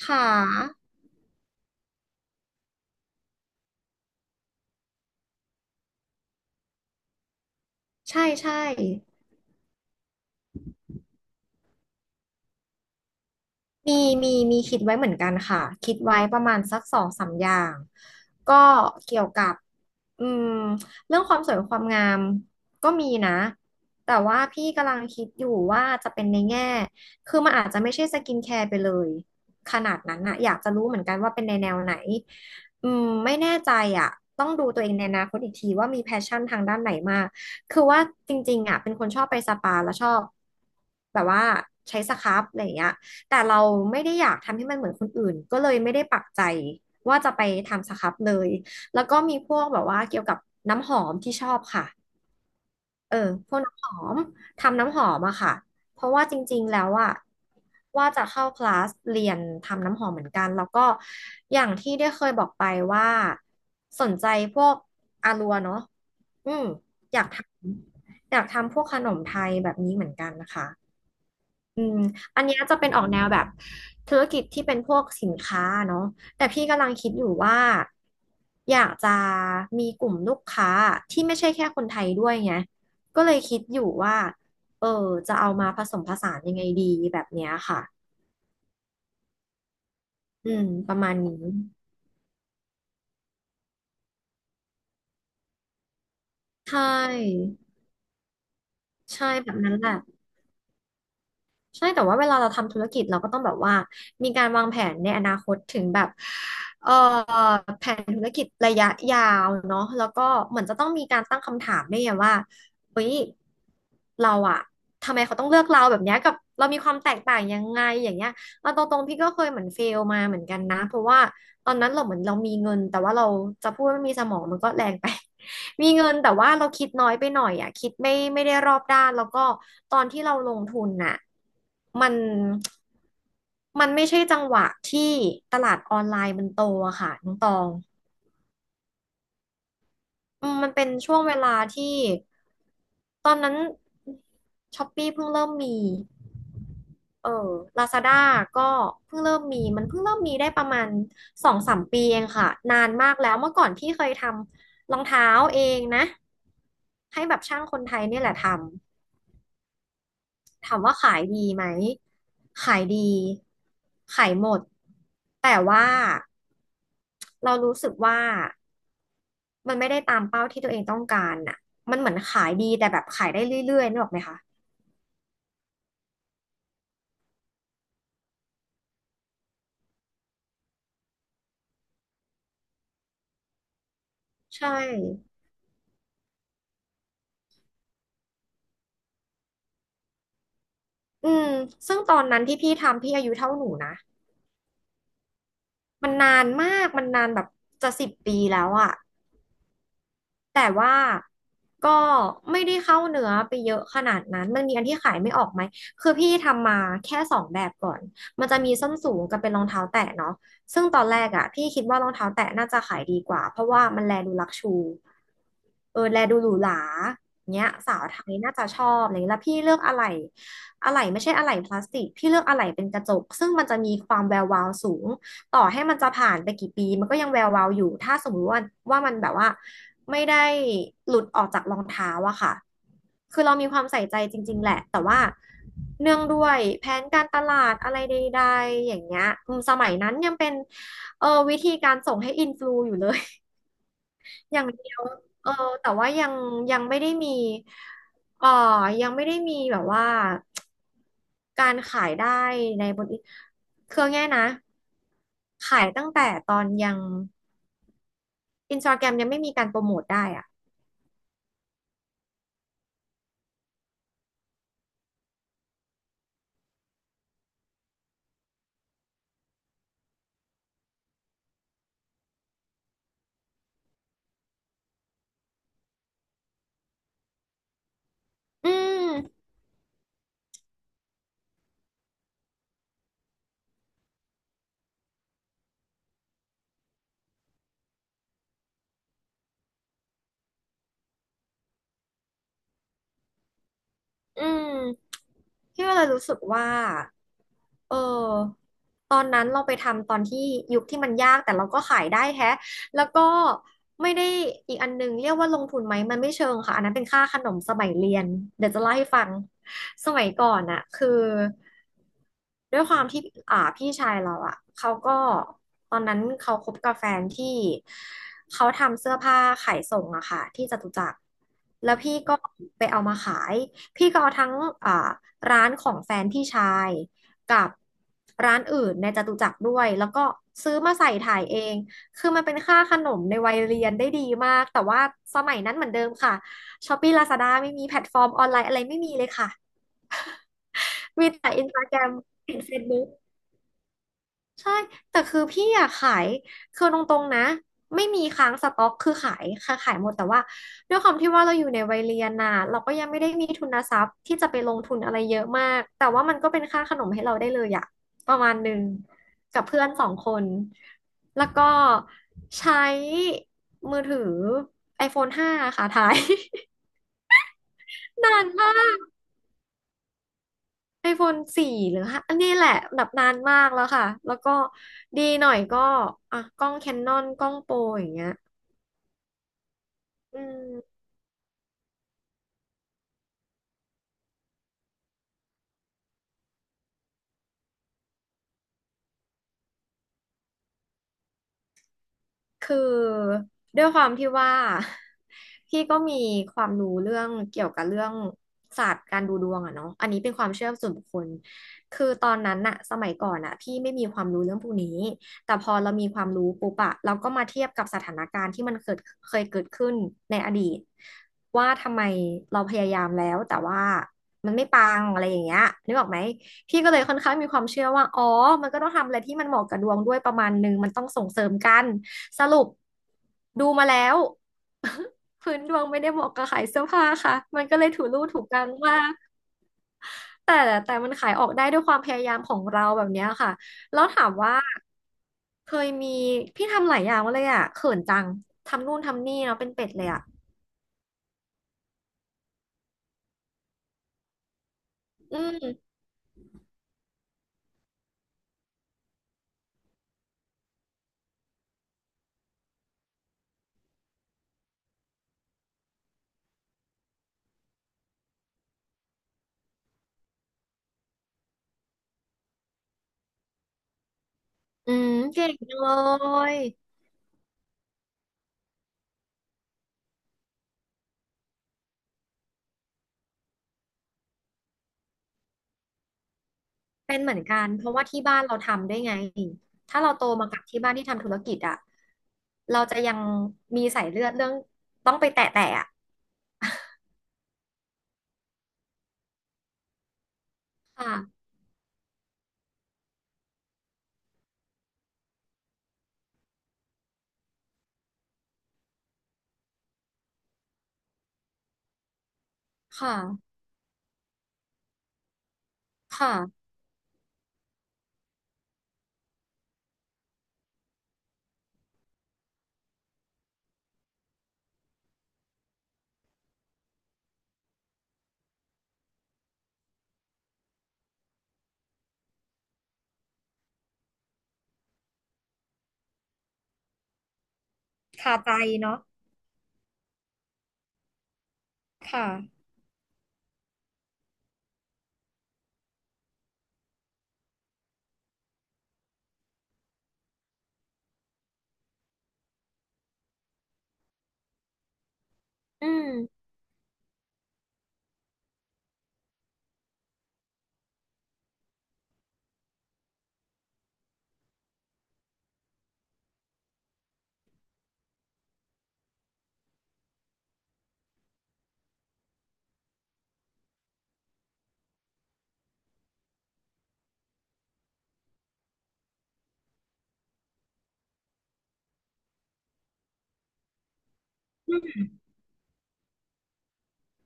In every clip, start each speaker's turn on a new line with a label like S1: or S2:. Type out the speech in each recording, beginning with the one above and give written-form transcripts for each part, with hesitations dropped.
S1: ขาใช่ใช่ มีมีคิดไว้เหมือนกันค่ะคิดไว้ประมาณสักสองสามอย่างก็เกี่ยวกับอืมเรื่องความสวยความงามก็มีนะแต่ว่าพี่กำลังคิดอยู่ว่าจะเป็นในแง่คือมันอาจจะไม่ใช่สกินแคร์ไปเลยขนาดนั้นนะอยากจะรู้เหมือนกันว่าเป็นในแนวไหนอืมไม่แน่ใจอ่ะต้องดูตัวเองในอนาคตอีกทีว่ามีแพชชั่นทางด้านไหนมากคือว่าจริงๆอ่ะเป็นคนชอบไปสปาแล้วชอบแบบว่าใช้สครับอะไรอย่างเงี้ย แต่เราไม่ได้อยากทำให้มันเหมือนคนอื่นก็เลยไม่ได้ปักใจว่าจะไปทำสครับเลยแล้วก็มีพวกแบบว่าเกี่ยวกับน้ำหอมที่ชอบค่ะเออพวกน้ำหอมทำน้ำหอมอะค่ะเพราะว่าจริงๆแล้วอะว่าจะเข้าคลาสเรียนทำน้ำหอมเหมือนกันแล้วก็อย่างที่ได้เคยบอกไปว่าสนใจพวกอารัวเนาะอืมอยากทอยากทำพวกขนมไทยแบบนี้เหมือนกันนะคะ อืมอันเนี้ยจะเป็นออกแนวแบบธุรกิจที่เป็นพวกสินค้าเนาะแต่พี่กำลังคิดอยู่ว่าอยากจะมีกลุ่มลูกค้าที่ไม่ใช่แค่คนไทยด้วยไงก็เลยคิดอยู่ว่าเออจะเอามาผสมผสานยังไงดีแบบเนี้ยค่ะอืมประมาณนี้ใช่ใช่แบบนั้นแหละ ใช่แต่ว่าเวลาเราทำธุรกิจเราก็ต้องแบบว่ามีการวางแผนในอนาคตถึงแบบเอ่อแผนธุรกิจระยะยาวเนาะแล้วก็เหมือนจะต้องมีการตั้งคำถามด้วยไงว่าเฮ้ยเราอะทำไมเขาต้องเลือกเราแบบเนี้ยกับเรามีความแตกต่างยังไงอย่างเงี้ยเราตรงๆพี่ก็เคยเหมือนเฟลมาเหมือนกันนะเพราะว่าตอนนั้นเราเหมือนเรามีเงินแต่ว่าเราจะพูดว่าไม่มีสมองมันก็แรงไป มีเงินแต่ว่าเราคิดน้อยไปหน่อยอ่ะคิดไม่ได้รอบด้านแล้วก็ตอนที่เราลงทุนน่ะมันมันไม่ใช่จังหวะที่ตลาดออนไลน์มันโตอะค่ะน้องตองอืมมันเป็นช่วงเวลาที่ตอนนั้นช้อปปี้เพิ่งเริ่มมี เออ Lazada ก็เพิ่งเริ่มมี มันเพิ่งเริ่มมีได้ประมาณสองสามปีเองค่ะนานมากแล้วเมื่อก่อนพี่เคยทำรองเท้าเองนะให้แบบช่างคนไทยเนี่ยแหละทำถามว่าขายดีไหมขายดีขายหมดแต่ว่าเรารู้สึกว่ามันไม่ได้ตามเป้าที่ตัวเองต้องการน่ะมันเหมือนขายดีแต่แบบขายได้เรื่อยๆนึกออกไหมคะใช่อืมซึ่งตอนนั้นที่พี่ทำพี่อายุเท่าหนูนะ มันนานมาก มันนานแบบจะ10 ปีแล้วอะแต่ว่าก็ไม่ได้เข้าเนื้อไปเยอะขนาดนั้นมันมีอันที่ขายไม่ออกไหมคือพี่ทำมาแค่สองแบบก่อน มันจะมีส้นสูงกับเป็นรองเท้าแตะเนาะซึ่งตอนแรกอะพี่คิดว่ารองเท้าแตะน่าจะขายดีกว่าเพราะว่ามันแลดูลักชูเออแลดูหรูหราเนี้ยสาวไทยน่าจะชอบอะไรเงี้ยแล้วพี่เลือกอะไหล่อะไหล่ไม่ใช่อะไหล่พลาสติกพี่เลือกอะไหล่เป็นกระจกซึ่งมันจะมีความแวววาวสูง ต่อให้มันจะผ่านไปกี่ปีมันก็ยังแวววาวอยู่ ถ้าสมมติว่ามันแบบว่าไม่ได้หลุดออกจากรองเท้าอะค่ะ คือเรามีความใส่ใจจริงๆแหละแต่เนื่องด้วยแผนการตลาดอะไรใดๆอย่างเงี้ยอืมสมัยนั้นยังเป็นเออวิธีการส่งให้อินฟลูอยู่เลย อย่างเดียวเออแต่ว่ายังไม่ได้มีเออยังไม่ได้มีแบบว่า การขายได้ในบนคือง่ายๆนะ ขายตั้งแต่ตอนยังอินสตาแกรมยังไม่มีการโปรโมทได้อ่ะอืม อืมพี่ก็เลยรู้สึกว่าเออตอนนั้นเราไปทำตอนที่ยุคที่มันยากแต่เราก็ขายได้แฮะแล้วก็ไม่ได้อีกอันหนึงเรียกว่าลงทุนไหมมันไม่เชิงค่ะอันนั้นเป็นค่าขนมสมัยเรียนเดี๋ยวจะเล่าให้ฟังสมัยก่อนอะคือด้วยความที่อ่าพี่ชายเราอะเขาก็ตอนนั้นเขาคบกับแฟนที่เขาทำเสื้อผ้าขายส่งอะค่ะที่จตุจักรแล้วพี่ก็ไปเอามาขาย พี่ก็เอาทั้งอ่าร้านของแฟนพี่ชายกับร้านอื่นในจตุจักรด้วยแล้วก็ซื้อมาใส่ถ่ายเองคือมันเป็นค่าขนมในวัยเรียนได้ดีมากแต่ว่าสมัยนั้นเหมือนเดิมค่ะช้อปปี้ลาซาด้าไม่มีแพลตฟอร์มออนไลน์อะไรไม่มีเลยค่ะมีแต่อินสตาแกรมเฟซบุ๊ก ใช่ แต่คือพี่อยากขายคือตรงๆนะไม่มีค้างสต็อกคือขายค่ะขายหมดแต่ว่าด้วยความที่ว่าเราอยู่ในวัยเรียนน่ะเราก็ยังไม่ได้มีทุนทรัพย์ที่จะไปลงทุนอะไรเยอะมากแต่ว่ามันก็เป็นค่าขนมให้เราได้เลยอะประมาณหนึ่งกับเพื่อนสองคนแล้วก็ใช้มือถือ iPhone 5ค่ะถ่าย นานมาก iPhone 4หรือห้าอันนี้แหละแบบนานมากแล้วค่ะแล้วก็ดีหน่อยก็กล้อง Canon กล้องโปรอย่างเงี้ยอืม คือด้วยความที่ว่า พี่ก็มีความรู้เรื่องเกี่ยวกับเรื่องศาสตร์การดูดวงอะเนาะอันนี้เป็นความเชื่อส่วนบุคคลคือตอนนั้นอะสมัยก่อนอะพี่ไม่มีความรู้เรื่องพวกนี้แต่พอเรามีความรู้ปุ๊บอะเราก็มาเทียบกับสถานการณ์ที่มันเกิดเคยเกิดขึ้นในอดีตว่าทำไมเราพยายามแล้วแต่ว่ามันไม่ปังอะไรอย่างเงี้ยนึกออกไหมพี่ก็เลยค่อนข้างมีความเชื่อว่าอ๋อมันก็ต้องทำอะไรที่มันเหมาะกับดวงด้วยประมาณนึงมันต้องส่งเสริมกัน สรุปดูมาแล้ว พื้นดวงไม่ได้เหมาะกับขายเสื้อผ้าค่ะมันก็เลยถูกกลางมากแต่แต่มันขายออกได้ด้วยความพยายามของเราแบบเนี้ยค่ะแล้วถามว่าเคยมีพี่ทำหลายอย่างเลยอ่ะเขินจังทำนู่นทำนี่เนาะเป็นเป็ดเลยอ่ะอืมอืมเก่งจังเลยเป็นเหมือนกันเพราะว่าที่บ้านเราทำด้วยไงถ้าเราโตมากับที่บ้านที่ทำธุรกิจอ่ะเราจะยังมีสายเลือดเรื่องต้องไปแตะแตะอ่ะ ค่ะค่ะค่ะคาใจเนาะค่ะอืม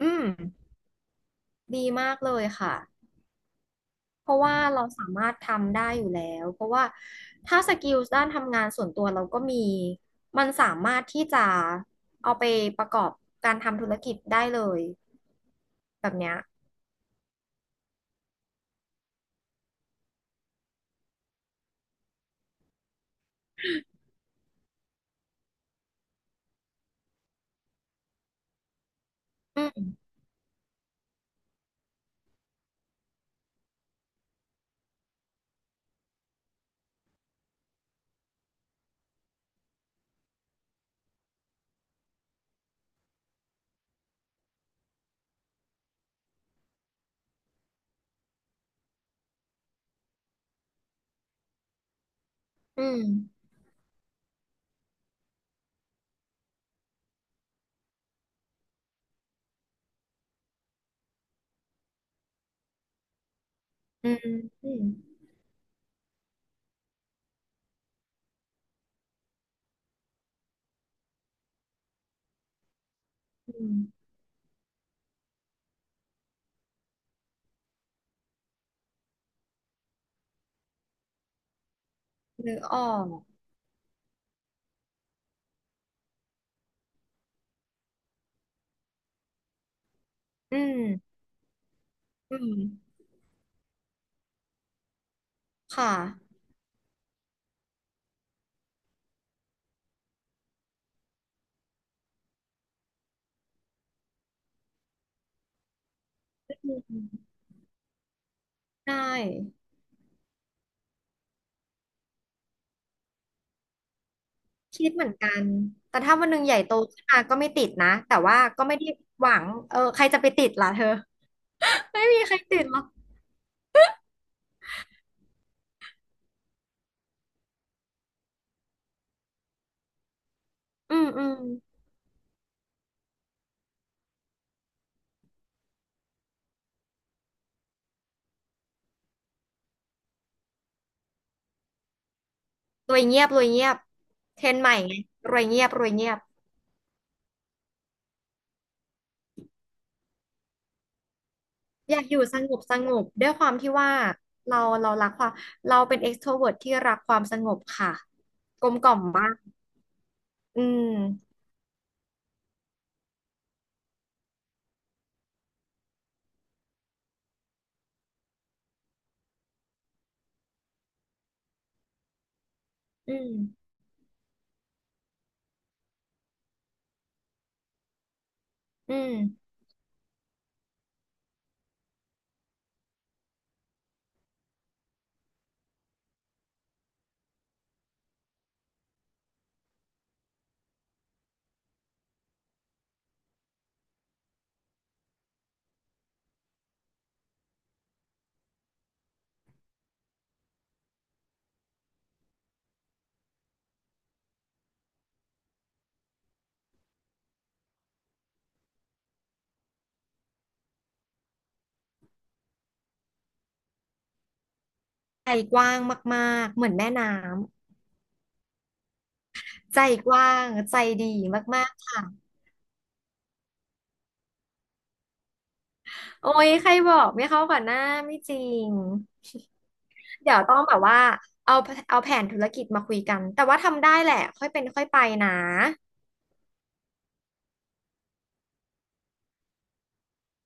S1: อืม ดีมากเลยค่ะ เพราะว่าเราสามารถทำได้อยู่แล้ว เพราะว่าถ้าสกิลด้านทำงานส่วนตัวเราก็มี มันสามารถที่จะเอาไปประกอบการทำธุรกิจได้เลยแบบเนี้ยอืมอืมอืมอืมอืมนึกออกอืมอืมค่ะอืมได้ คิดเหมือนกันแต่ถ้าวันหนึ่งใหญ่โตขึ้นมาก็ไม่ติดนะแต่ว่าก็ไม่ได้หวังเออใครจะไปติดล่ะเธอ ไม่มีใครติดหรอกอืมอืมรวยเงียบรวยเงียบเทรนด์ใหม่ไงรวยเงียบรวยเงียบอยากอยู่สงบสงบด้วยความที่ว่าเรารักความเราเป็น extrovert ทรเวิร์ตที่รักความสงบค่ะกลมกล่อมมากอืมอืมอืมใจกว้างมากๆเหมือนแม่น้ำใจกว้างใจดีมากๆค่ะ โอ้ยใครบอกไม่เข้ากับหน้าไม่จริงเดี๋ยวต้องแบบว่าเอาเอาแผนธุรกิจมาคุยกันแต่ว่าทำได้แหละค่อยเป็นค่อยไปนะ